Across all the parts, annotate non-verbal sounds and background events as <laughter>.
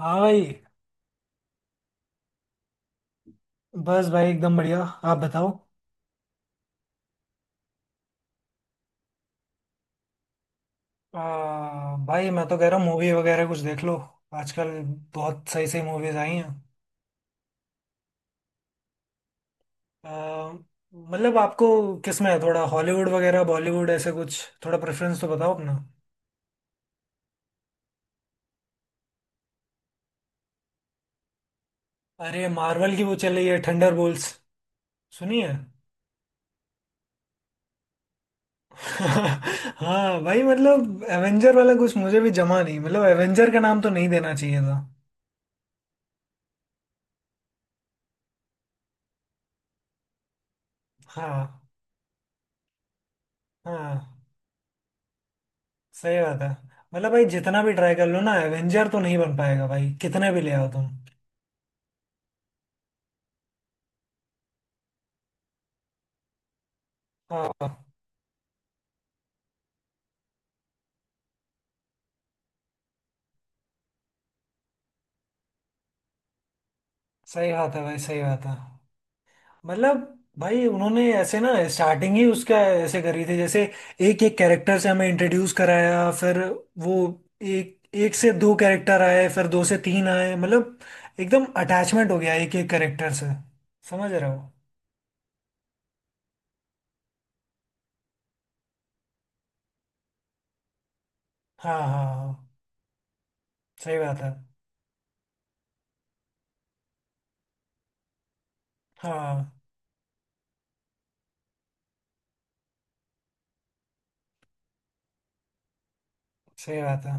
हाँ भाई। बस भाई एकदम बढ़िया, आप बताओ। भाई मैं तो कह रहा हूँ मूवी वगैरह कुछ देख लो। आजकल बहुत सही सही मूवीज आई हैं। आ, मतलब आपको किस में है, थोड़ा हॉलीवुड वगैरह बॉलीवुड, ऐसे कुछ थोड़ा प्रेफरेंस तो बताओ अपना। अरे मार्वल की वो चल रही है थंडर बोल्स, सुनिए। <laughs> हाँ भाई, मतलब एवेंजर वाला कुछ मुझे भी जमा नहीं, मतलब एवेंजर का नाम तो नहीं देना चाहिए था। हाँ। हाँ सही बात है। मतलब भाई जितना भी ट्राई कर लो ना, एवेंजर तो नहीं बन पाएगा भाई, कितने भी ले आओ तुम। हाँ। सही बात है भाई, सही बात है। मतलब भाई उन्होंने ऐसे ना स्टार्टिंग ही उसका ऐसे करी थी जैसे एक एक कैरेक्टर से हमें इंट्रोड्यूस कराया, फिर वो एक एक से दो कैरेक्टर आए, फिर दो से तीन आए, मतलब एकदम अटैचमेंट हो गया एक एक कैरेक्टर से। समझ रहे हो। हाँ हाँ हाँ। सही बात है। हाँ सही बात है।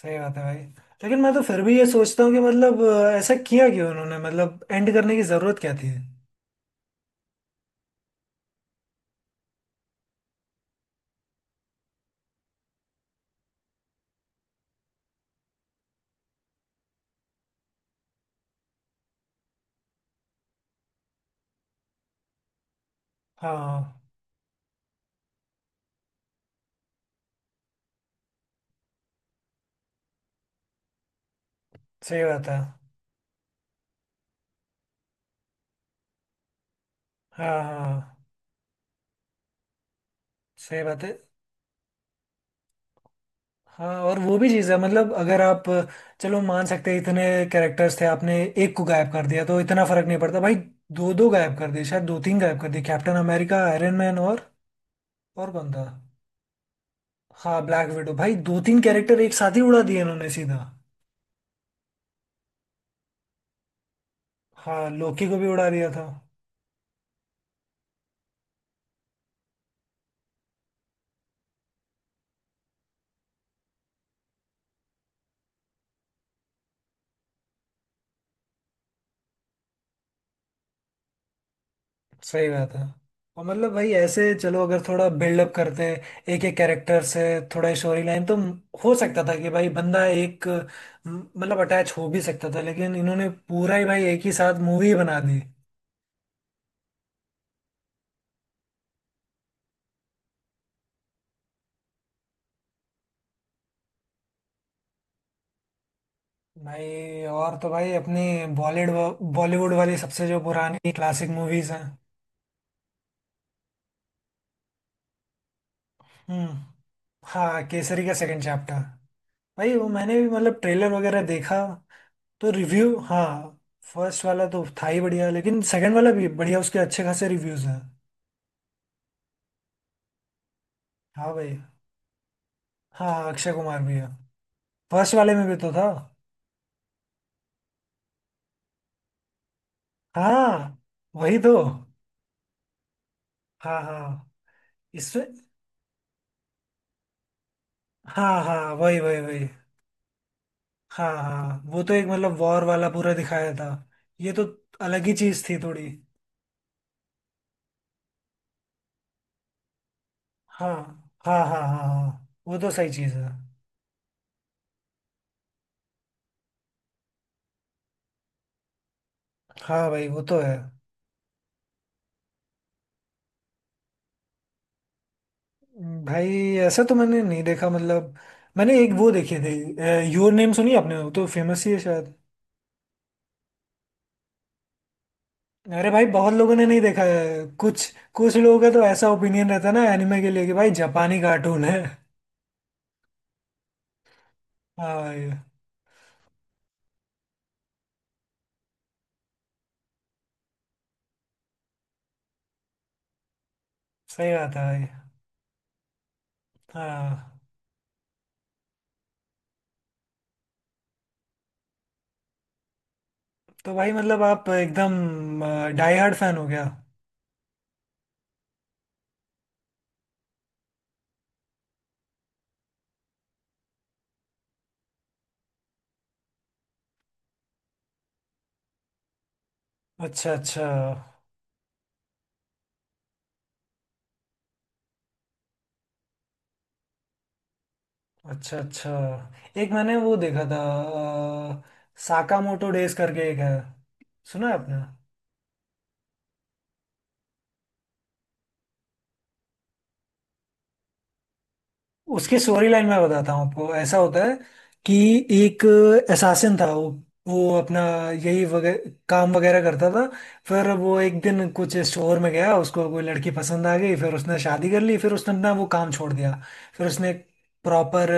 सही बात है भाई। लेकिन मैं तो फिर भी ये सोचता हूँ कि मतलब ऐसा किया क्यों उन्होंने, मतलब एंड करने की जरूरत क्या थी। हाँ। सही बात है। हाँ हाँ सही बात है। हाँ और वो भी चीज़ है, मतलब अगर आप, चलो मान सकते हैं, इतने कैरेक्टर्स थे आपने एक को गायब कर दिया तो इतना फर्क नहीं पड़ता भाई। दो दो गायब कर दिए, शायद दो तीन गायब कर दिए, कैप्टन अमेरिका, आयरन मैन और कौन था। हाँ ब्लैक विडो भाई, दो तीन कैरेक्टर एक साथ ही उड़ा दिए इन्होंने सीधा। हाँ लोकी को भी उड़ा दिया था। सही बात है। और मतलब भाई ऐसे चलो, अगर थोड़ा बिल्डअप करते एक एक कैरेक्टर से, थोड़ा स्टोरी लाइन तो हो सकता था कि भाई बंदा एक, मतलब अटैच हो भी सकता था, लेकिन इन्होंने पूरा ही भाई एक ही साथ मूवी बना दी। भाई और तो भाई अपनी बॉलीवुड, वाली सबसे जो पुरानी क्लासिक मूवीज हैं। हम्म। हाँ केसरी का सेकंड चैप्टर, भाई वो मैंने भी मतलब ट्रेलर वगैरह देखा तो रिव्यू, हाँ फर्स्ट वाला तो था ही बढ़िया, लेकिन सेकंड वाला भी बढ़िया, उसके अच्छे खासे रिव्यूज हैं। हाँ भाई। हाँ अक्षय कुमार भी है, फर्स्ट वाले में भी तो था। हाँ वही तो। हाँ हाँ। इसमें, हाँ हाँ वही वही वही। हाँ हाँ वो तो एक मतलब वॉर वाला पूरा दिखाया था। ये तो अलग ही चीज थी थोड़ी। हाँ हाँ हाँ हाँ, हाँ वो तो सही चीज है। हाँ भाई वो तो है। भाई ऐसा तो मैंने नहीं देखा, मतलब मैंने एक वो देखी थी, योर नेम, सुनी आपने, वो तो फेमस ही है शायद। अरे भाई बहुत लोगों ने नहीं देखा है। कुछ कुछ लोगों का तो ऐसा ओपिनियन रहता है ना एनिमे के लिए कि भाई जापानी कार्टून है। हाँ भाई। सही बात है भाई। हाँ तो भाई मतलब आप एकदम डाई हार्ड फैन हो गया। अच्छा अच्छा। अच्छा अच्छा। एक मैंने वो देखा था, साकामोटो डेज करके एक है, सुना है आपने। उसके स्टोरी लाइन मैं बताता हूँ आपको, ऐसा होता है कि एक असासिन था वो अपना यही वगैरह काम वगैरह करता था। फिर वो एक दिन कुछ स्टोर में गया, उसको कोई लड़की पसंद आ गई, फिर उसने शादी कर ली, फिर उसने अपना वो काम छोड़ दिया। फिर उसने प्रॉपर,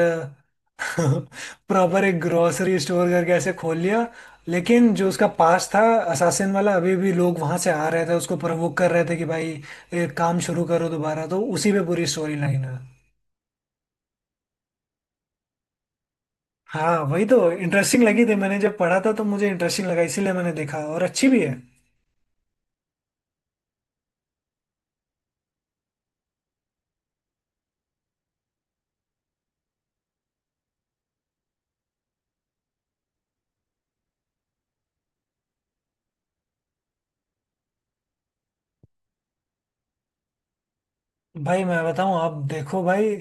<laughs> एक ग्रोसरी स्टोर करके ऐसे खोल लिया। लेकिन जो उसका पास था असासिन वाला, अभी भी लोग वहां से आ रहे थे उसको प्रवोक कर रहे थे कि भाई ये काम शुरू करो दोबारा, तो उसी पे पूरी स्टोरी लाइन है। हाँ वही तो इंटरेस्टिंग लगी थी, मैंने जब पढ़ा था तो मुझे इंटरेस्टिंग लगा, इसीलिए मैंने देखा, और अच्छी भी है। भाई मैं बताऊं, आप देखो भाई।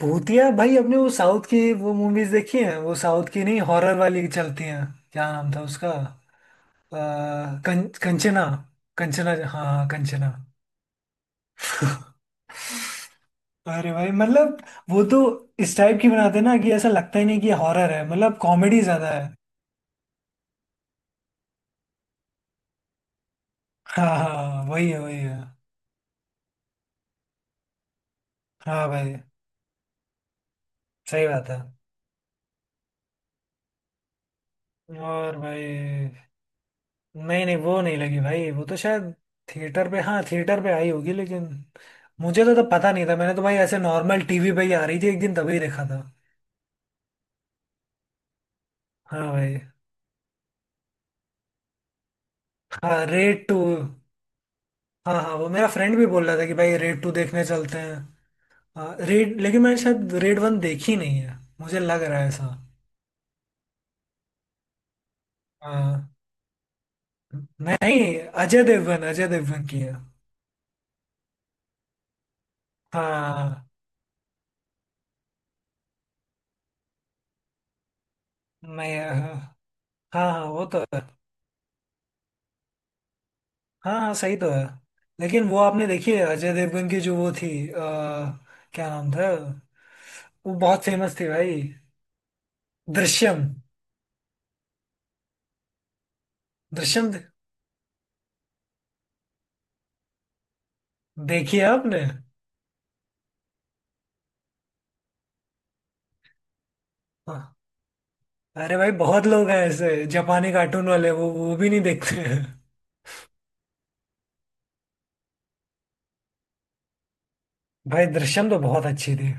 भूतिया, भाई आपने वो साउथ की वो मूवीज देखी हैं, वो साउथ की नहीं, हॉरर वाली चलती हैं, क्या नाम था उसका, आ, कंचना, कंचना हाँ हाँ कंचना। अरे भाई मतलब वो तो इस टाइप की बनाते हैं ना कि ऐसा लगता ही नहीं कि हॉरर है, मतलब कॉमेडी ज्यादा है। हाँ हाँ वही है, हाँ भाई सही बात है। और भाई नहीं नहीं, वो नहीं लगी भाई, वो तो शायद थिएटर पे, हाँ थिएटर पे आई होगी लेकिन मुझे तो तब पता नहीं था, मैंने तो भाई ऐसे नॉर्मल टीवी पे ही आ रही थी एक दिन तभी देखा था। हाँ भाई। हाँ रेड टू, हाँ हाँ वो मेरा फ्रेंड भी बोल रहा था कि भाई रेड टू देखने चलते हैं। हाँ रेड, लेकिन मैंने शायद रेड वन देखी नहीं है, मुझे लग रहा है ऐसा। हाँ नहीं, अजय देवगन, अजय देवगन की है। हाँ। मैं हाँ। हाँ हाँ, वो तो है। हाँ हाँ सही तो है। लेकिन वो आपने देखी है अजय देवगन की जो वो थी क्या नाम था, वो बहुत फेमस थी भाई, दृश्यम, दृश्यम, देखी है आपने। हाँ। अरे भाई बहुत लोग हैं ऐसे जापानी कार्टून वाले, वो भी नहीं देखते <laughs> हैं। भाई दृश्यम तो बहुत अच्छी थी।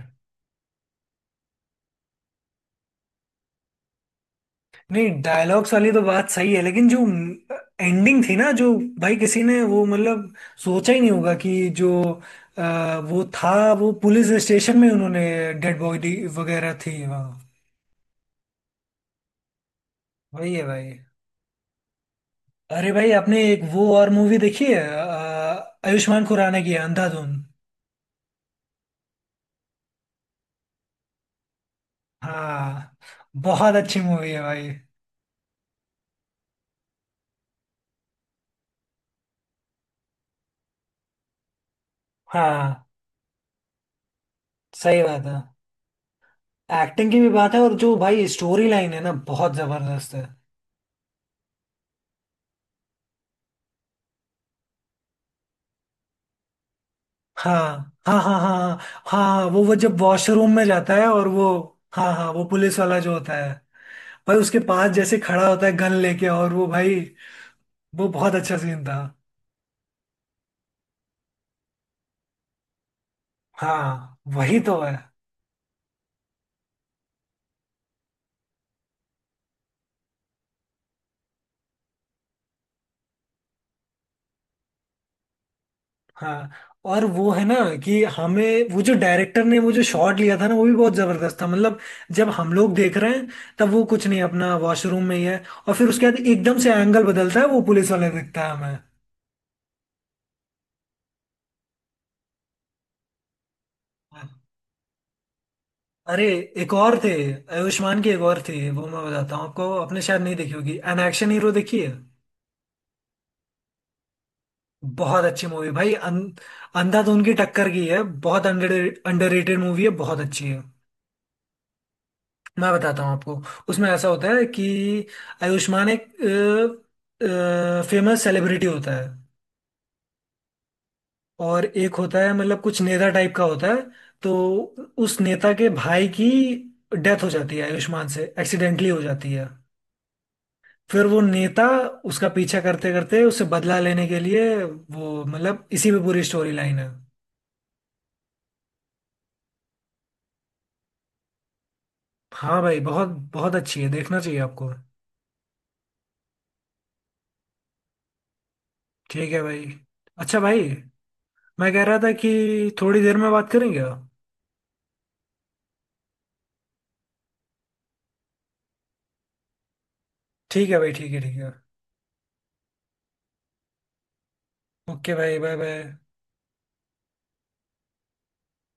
नहीं डायलॉग्स वाली तो बात सही है, लेकिन जो एंडिंग थी ना जो, भाई किसी ने वो मतलब सोचा ही नहीं होगा कि जो अ, वो था, वो पुलिस स्टेशन में उन्होंने डेड बॉडी वगैरह थी वहाँ, वही है भाई। अरे भाई आपने एक वो और मूवी देखी है आयुष्मान खुराना की है, अंधाधुन। हाँ बहुत अच्छी मूवी है भाई। हाँ सही बात है, एक्टिंग की भी बात है और जो भाई स्टोरी लाइन है ना बहुत जबरदस्त है। हाँ हाँ हाँ हाँ। हाँ हाँ, वो जब वॉशरूम में जाता है और वो, हाँ हाँ वो पुलिस वाला जो होता है, भाई उसके पास जैसे खड़ा होता है गन लेके, और वो भाई, वो बहुत अच्छा सीन था। हाँ वही तो है। हाँ और वो है ना कि हमें वो जो डायरेक्टर ने वो जो शॉट लिया था ना, वो भी बहुत जबरदस्त था, मतलब जब हम लोग देख रहे हैं तब वो कुछ नहीं, अपना वॉशरूम में ही है, और फिर उसके बाद एकदम से एंगल बदलता है, वो पुलिस वाला दिखता है हमें। अरे एक और थे, आयुष्मान की एक और थी वो मैं बताता हूँ आपको, आपने शायद नहीं देखी होगी, एन एक्शन हीरो, देखी है। बहुत अच्छी मूवी भाई, अंधाधुन की टक्कर की है। बहुत अंडररेटेड मूवी है, बहुत अच्छी है। मैं बताता हूँ आपको, उसमें ऐसा होता है कि आयुष्मान एक फेमस सेलिब्रिटी होता है, और एक होता है मतलब कुछ नेता टाइप का होता है। तो उस नेता के भाई की डेथ हो जाती है, आयुष्मान से एक्सीडेंटली हो जाती है। फिर वो नेता उसका पीछा करते करते उससे बदला लेने के लिए वो, मतलब इसी में पूरी स्टोरी लाइन है। हाँ भाई बहुत, बहुत अच्छी है, देखना चाहिए आपको। ठीक है भाई। अच्छा भाई मैं कह रहा था कि थोड़ी देर में बात करेंगे आप। ठीक है भाई, ठीक है ठीक है। ओके भाई, बाय बाय।